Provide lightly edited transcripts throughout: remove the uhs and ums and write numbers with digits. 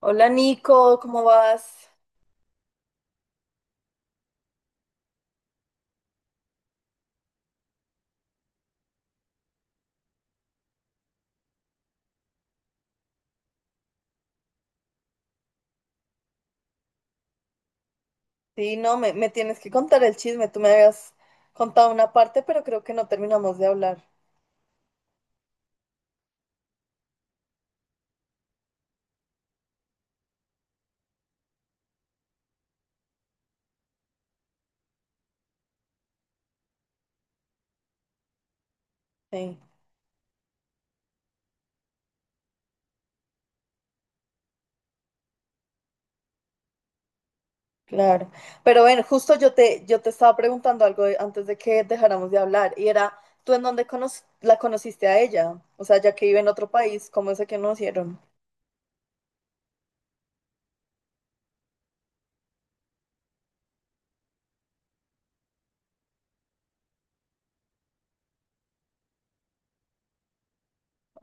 Hola Nico, ¿cómo vas? Sí, no, me tienes que contar el chisme. Tú me habías contado una parte, pero creo que no terminamos de hablar. Sí, claro. Pero bueno, justo yo te estaba preguntando antes de que dejáramos de hablar y era, ¿tú en dónde la conociste a ella? O sea, ya que vive en otro país, ¿cómo se conocieron?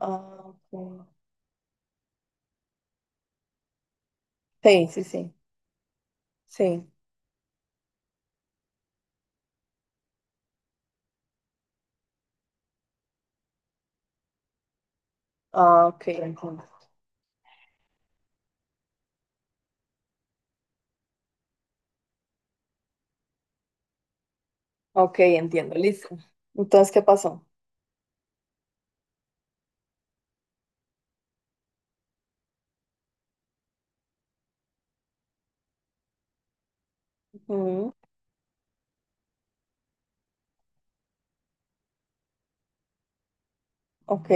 Ah, ok. Sí, sí, sí, sí. Ah, ok, entiendo. Ok, entiendo, listo. Entonces, ¿qué pasó? Ujú. Ok,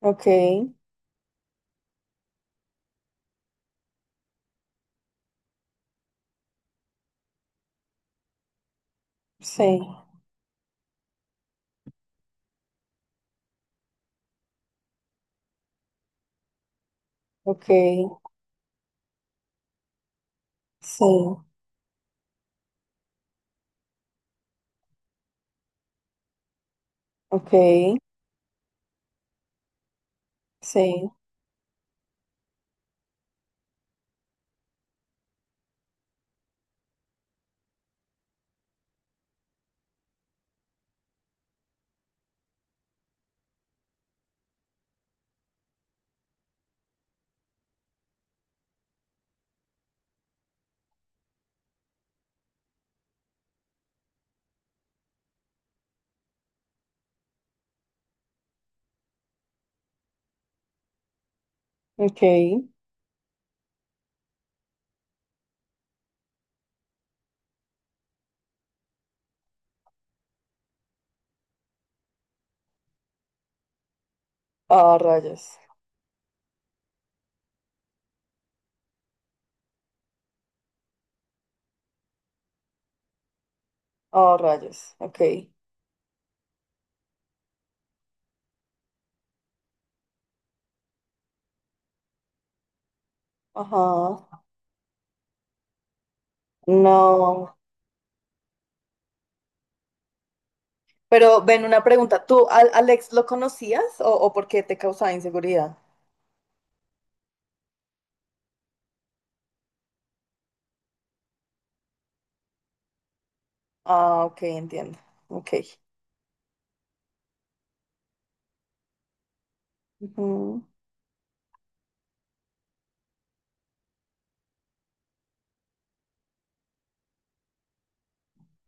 ok, sí. Ok, sí, ok, sí, ok. Ah, rayos, ah, rayos, ok. Ajá, no. Pero ven, una pregunta. ¿Tú al Alex lo conocías o por qué te causaba inseguridad? Ah, ok, entiendo. Ok. Ujú.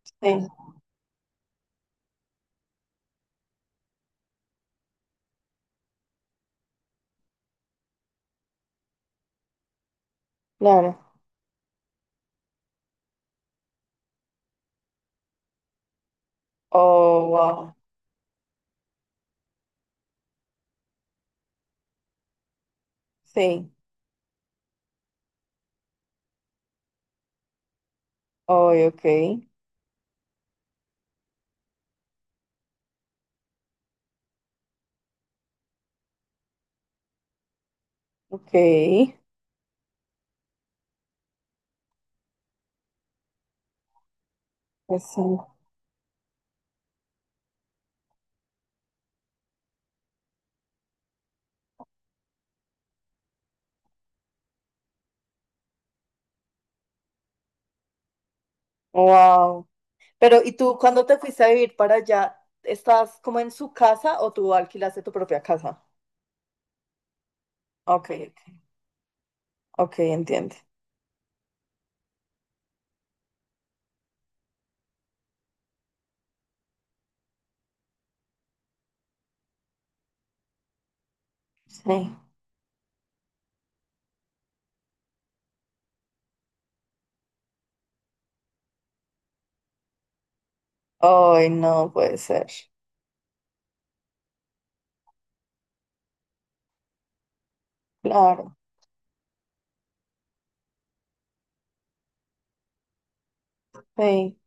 Sí, claro. Oh, wow. Sí. Oh, ok, ok. Eso. Wow. Pero, ¿y tú cuando te fuiste a vivir para allá, estás como en su casa o tú alquilaste tu propia casa? Ok, ok, ok, entiende. Sí. Ay, no puede ser. Claro, sí.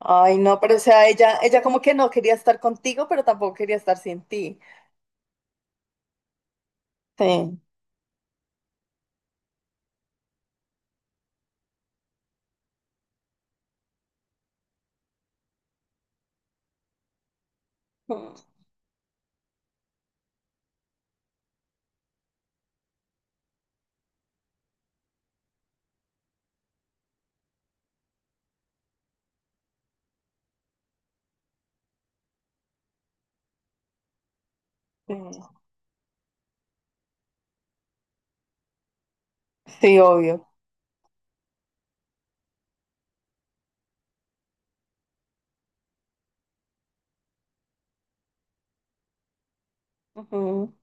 Ay, no, pero o sea, ella como que no quería estar contigo, pero tampoco quería estar sin ti. Sí. Mm. Sí. Sí, obvio. Ujú.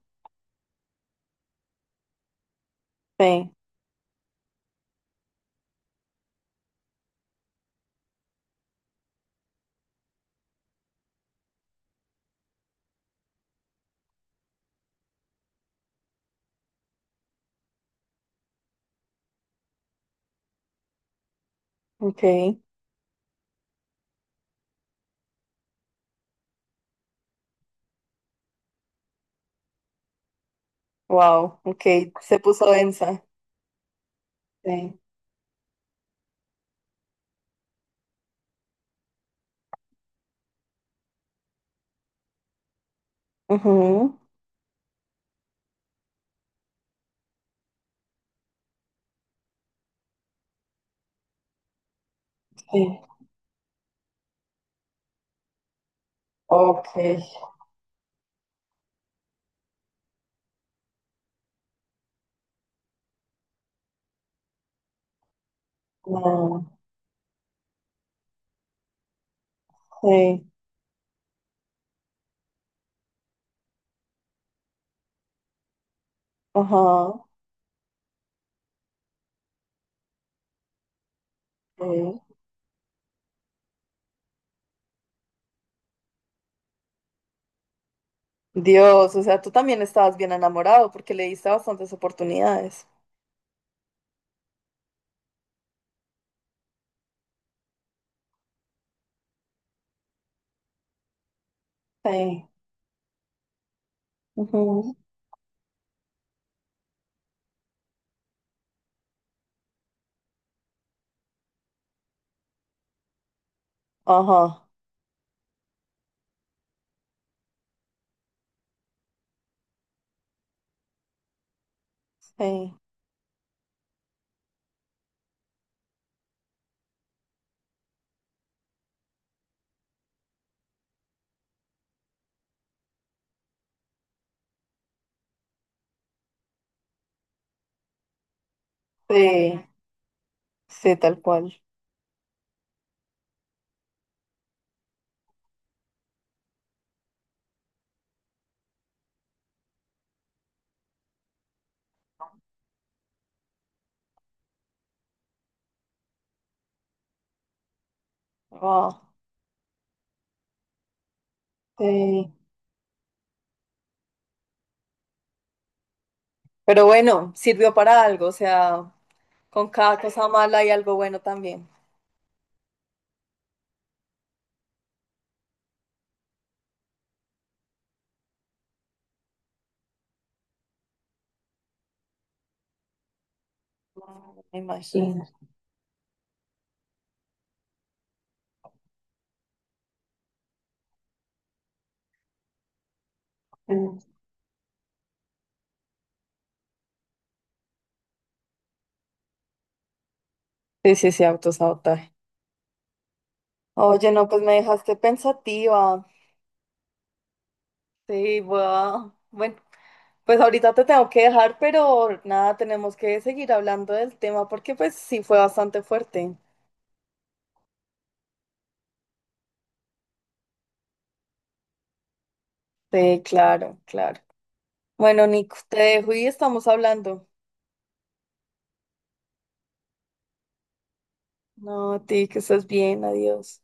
Sí, ok. Wow, ok. Se puso densa. Sí. Ujú. Sí. Ok. No, sí. Ajá. Sí. Dios, o sea, tú también estabas bien enamorado porque le diste bastantes oportunidades. Sí, ujú. Ajá, sí. Sí, sí, tal cual. Wow. Sí. Pero bueno, sirvió para algo, o sea, con cada cosa mala hay algo bueno también, me Sí. imagino. Sí. Sí, sí, sí, autosabotaje. Oye, no, pues me dejaste pensativa. Sí, voy. Bueno, pues ahorita te tengo que dejar, pero nada, tenemos que seguir hablando del tema porque pues sí fue bastante fuerte. Sí, claro, claro. Bueno, Nico, te dejo y estamos hablando. No, a ti que estás bien, adiós.